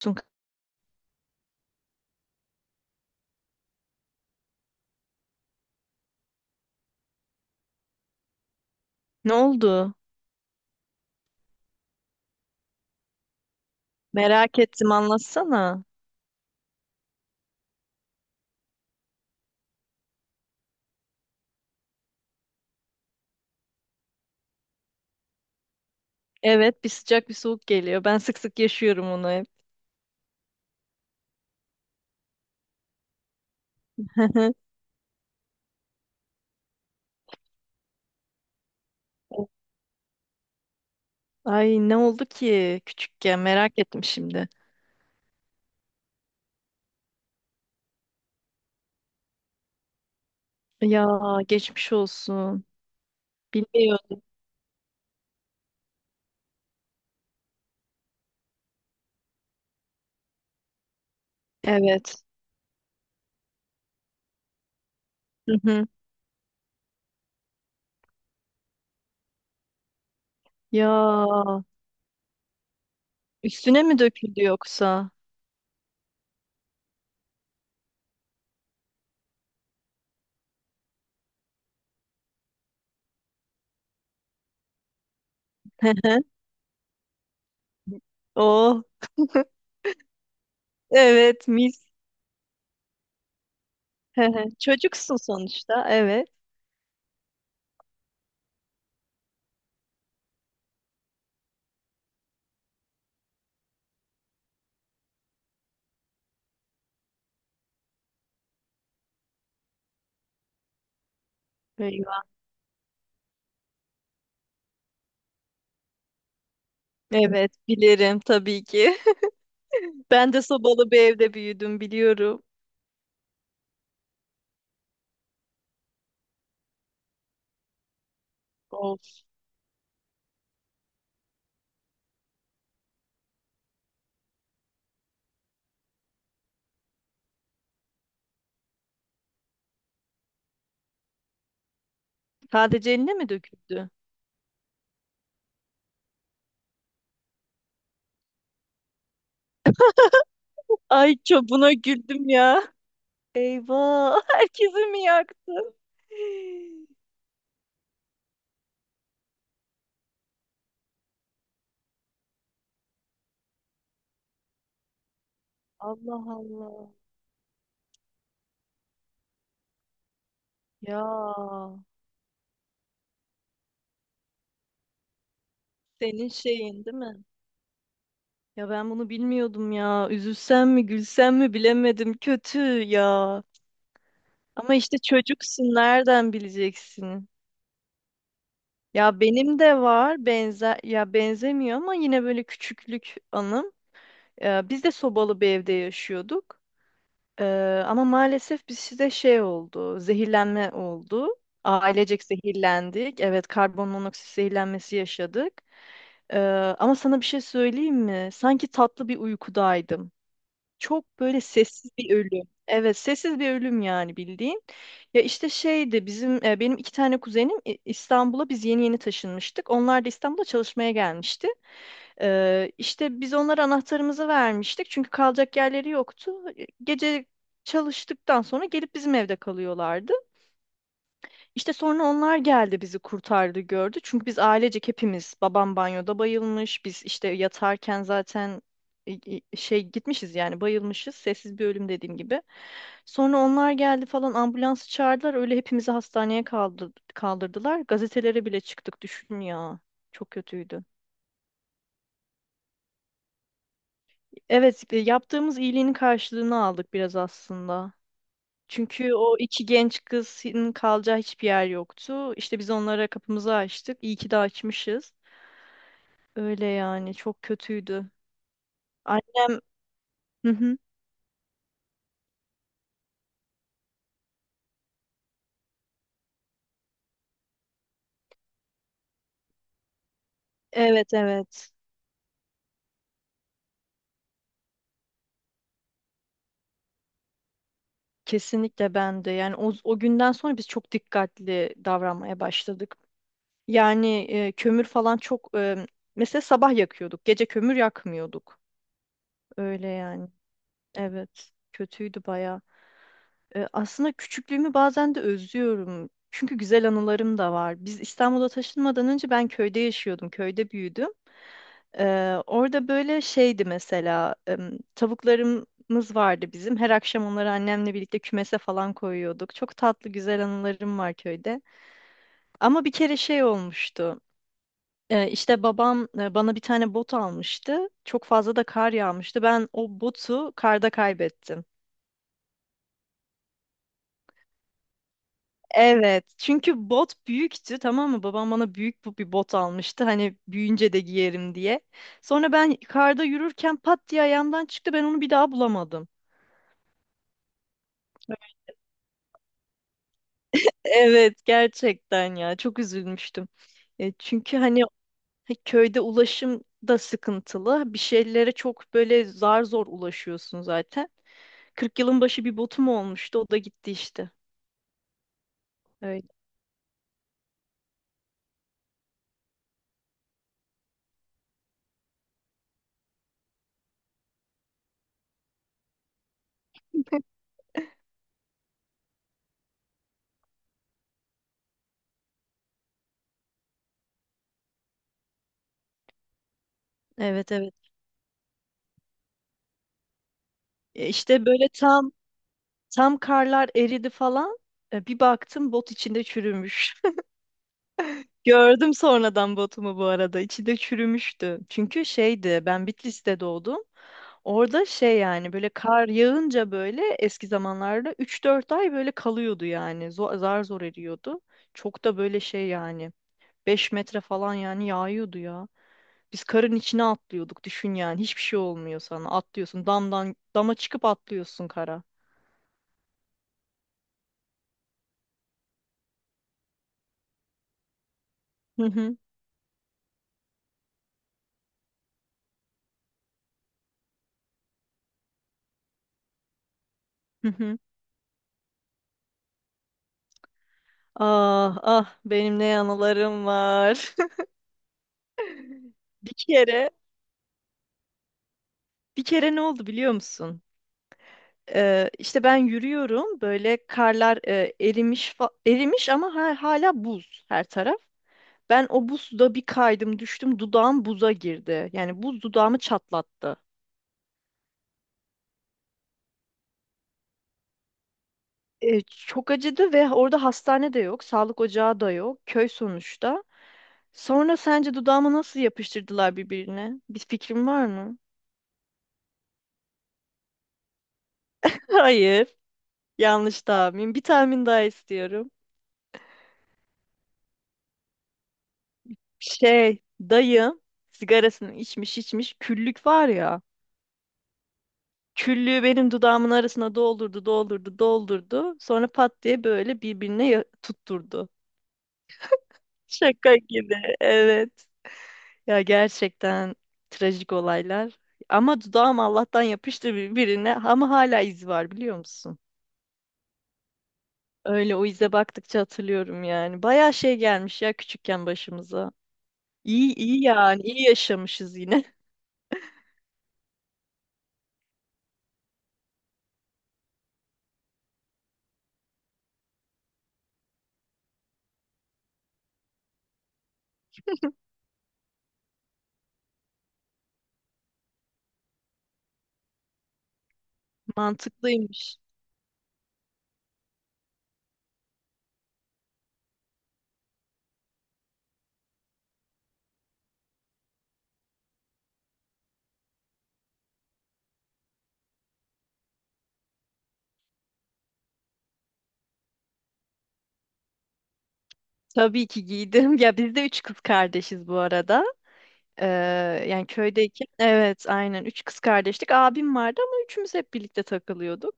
Sun- Ne oldu? Merak ettim, anlatsana. Evet, bir sıcak bir soğuk geliyor. Ben sık sık yaşıyorum onu hep. Ay, ne oldu ki küçükken, merak ettim şimdi. Ya, geçmiş olsun. Bilmiyordum. Evet. Hı hı. Ya, üstüne mi döküldü yoksa? Hı hı. Oh, evet, mis. Hı hı. Çocuksun sonuçta, evet. Eyvah. Evet, bilirim tabii ki. Ben de sobalı bir evde büyüdüm, biliyorum. Sadece eline mi döküldü? Ay, çok buna güldüm ya. Eyvah, herkesi mi yaktın? Allah Allah. Ya, senin şeyin değil mi? Ya, ben bunu bilmiyordum ya. Üzülsem mi gülsem mi bilemedim. Kötü ya. Ama işte çocuksun, nereden bileceksin? Ya, benim de var, benzer ya, benzemiyor ama yine böyle küçüklük anım. Biz de sobalı bir evde yaşıyorduk. Ama maalesef bizde şey oldu, zehirlenme oldu. Ailecek zehirlendik. Evet, karbon monoksit zehirlenmesi yaşadık. Ee, Ama sana bir şey söyleyeyim mi? Sanki tatlı bir uykudaydım. Çok böyle sessiz bir ölüm. Evet, sessiz bir ölüm yani, bildiğin. Ya işte şeydi bizim benim iki tane kuzenim İ- İstanbul'a biz yeni yeni taşınmıştık. Onlar da İstanbul'a çalışmaya gelmişti. İşte biz onlara anahtarımızı vermiştik çünkü kalacak yerleri yoktu. Gece çalıştıktan sonra gelip bizim evde kalıyorlardı. İşte sonra onlar geldi, bizi kurtardı, gördü. Çünkü biz ailecek hepimiz, babam banyoda bayılmış. Biz işte yatarken zaten e, şey gitmişiz yani, bayılmışız. Sessiz bir ölüm dediğim gibi. Sonra onlar geldi falan, ambulansı çağırdılar. Öyle hepimizi hastaneye kaldı- kaldırdılar. Gazetelere bile çıktık, düşün ya. Çok kötüydü. Evet, yaptığımız iyiliğin karşılığını aldık biraz aslında. Çünkü o iki genç kızın kalacağı hiçbir yer yoktu. İşte biz onlara kapımızı açtık. İyi ki de açmışız. Öyle yani, çok kötüydü. Annem, hı hı. Evet, evet. Kesinlikle, ben de. Yani o, o günden sonra biz çok dikkatli davranmaya başladık. Yani kömür falan çok mesela sabah yakıyorduk. Gece kömür yakmıyorduk. Öyle yani. Evet. Kötüydü baya. Aslında küçüklüğümü bazen de özlüyorum. Çünkü güzel anılarım da var. Biz İstanbul'a taşınmadan önce ben köyde yaşıyordum. Köyde büyüdüm. Orada böyle şeydi mesela, tavuklarımız vardı bizim. Her akşam onları annemle birlikte kümese falan koyuyorduk. Çok tatlı, güzel anılarım var köyde. Ama bir kere şey olmuştu. İşte babam bana bir tane bot almıştı. Çok fazla da kar yağmıştı. Ben o botu karda kaybettim. Evet, çünkü bot büyüktü, tamam mı? Babam bana büyük bu bir bot almıştı. Hani büyüyünce de giyerim diye. Sonra ben karda yürürken pat diye ayağımdan çıktı. Ben onu bir daha bulamadım. Evet, gerçekten ya, çok üzülmüştüm. Çünkü hani köyde ulaşım da sıkıntılı. Bir şeylere çok böyle zar zor ulaşıyorsun zaten. 40 yılın başı bir botum olmuştu. O da gitti işte. Öyle. Evet, evet. İşte böyle tam karlar eridi falan. Bir baktım bot içinde çürümüş. Gördüm sonradan botumu bu arada. İçi de çürümüştü. Çünkü şeydi, ben Bitlis'te doğdum. Orada şey yani, böyle kar yağınca böyle eski zamanlarda üç dört ay böyle kalıyordu yani. Zor, zar zor eriyordu. Çok da böyle şey yani, 5 metre falan yani yağıyordu ya. Biz karın içine atlıyorduk, düşün yani. Hiçbir şey olmuyor sana. Atlıyorsun, damdan dama çıkıp atlıyorsun kara. Hı hı hı. Hı. Ah ah, benim ne anılarım var. Bir kere Bir kere ne oldu biliyor musun? İşte ben yürüyorum böyle, karlar erimiş fa- erimiş ama ha- hala buz her taraf. Ben o buzda bir kaydım, düştüm, dudağım buza girdi. Yani buz dudağımı çatlattı. Çok acıdı ve orada hastane de yok, sağlık ocağı da yok, köy sonuçta. Sonra sence dudağımı nasıl yapıştırdılar birbirine? Bir fikrin var mı? Hayır, yanlış tahmin. Bir tahmin daha istiyorum. Şey, dayım sigarasını içmiş içmiş, küllük var ya. Küllüğü benim dudağımın arasına doldurdu, doldurdu, doldurdu. Sonra pat diye böyle birbirine ya- tutturdu. Şaka gibi, evet. Ya gerçekten, trajik olaylar. Ama dudağım Allah'tan yapıştı birbirine, ama hala izi var, biliyor musun? Öyle, o ize baktıkça hatırlıyorum yani. Bayağı şey gelmiş ya küçükken başımıza. İyi iyi yani, iyi yaşamışız yine. Mantıklıymış. Tabii ki giydim. Ya biz de üç kız kardeşiz bu arada. Ee, Yani köydeyken. Evet, aynen. Üç kız kardeştik. Abim vardı ama üçümüz hep birlikte takılıyorduk.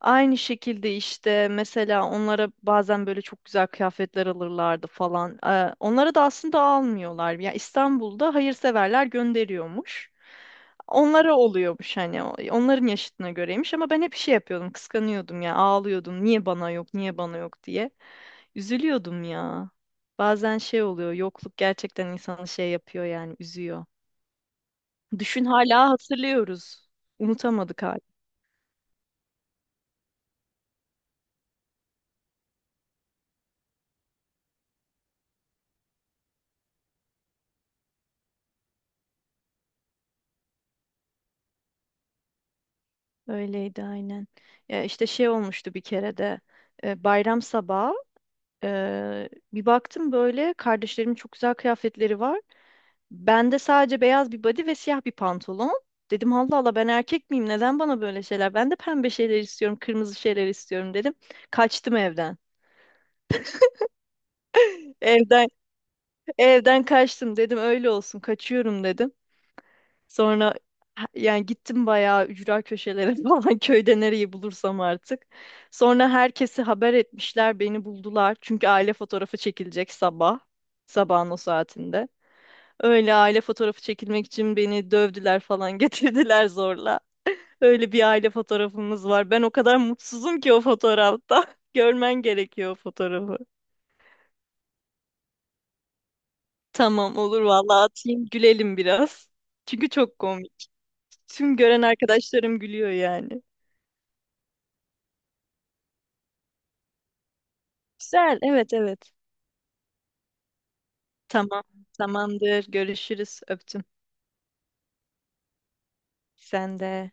Aynı şekilde işte mesela onlara bazen böyle çok güzel kıyafetler alırlardı falan. Onlara da aslında almıyorlar. Ya İstanbul'da hayırseverler gönderiyormuş. Onlara oluyormuş hani, o- onların yaşıtına göreymiş ama ben hep şey yapıyordum, kıskanıyordum ya, ağlıyordum, niye bana yok, niye bana yok diye üzülüyordum ya. Bazen şey oluyor, yokluk gerçekten insanı şey yapıyor yani, üzüyor. Düşün, hala hatırlıyoruz. Unutamadık hala. Öyleydi, aynen. Ya işte şey olmuştu bir kere de bayram sabahı bir baktım böyle kardeşlerimin çok güzel kıyafetleri var. Bende sadece beyaz bir body ve siyah bir pantolon. Dedim, Allah Allah, ben erkek miyim? Neden bana böyle şeyler? Ben de pembe şeyler istiyorum, kırmızı şeyler istiyorum dedim. Kaçtım evden. Evden Evden kaçtım, dedim öyle olsun, kaçıyorum dedim. Sonra ha- yani gittim bayağı ücra köşelere falan, köyde nereyi bulursam artık. Sonra herkesi haber etmişler, beni buldular. Çünkü aile fotoğrafı çekilecek sabah, sabahın o saatinde. Öyle aile fotoğrafı çekilmek için beni dövdüler falan getirdiler zorla. Öyle bir aile fotoğrafımız var. Ben o kadar mutsuzum ki o fotoğrafta. Görmen gerekiyor o fotoğrafı. Tamam, olur vallahi, atayım, gülelim biraz. Çünkü çok komik. Tüm gören arkadaşlarım gülüyor yani. Güzel. Evet, evet. Tamam. Tamamdır. Görüşürüz. Öptüm. Sen de.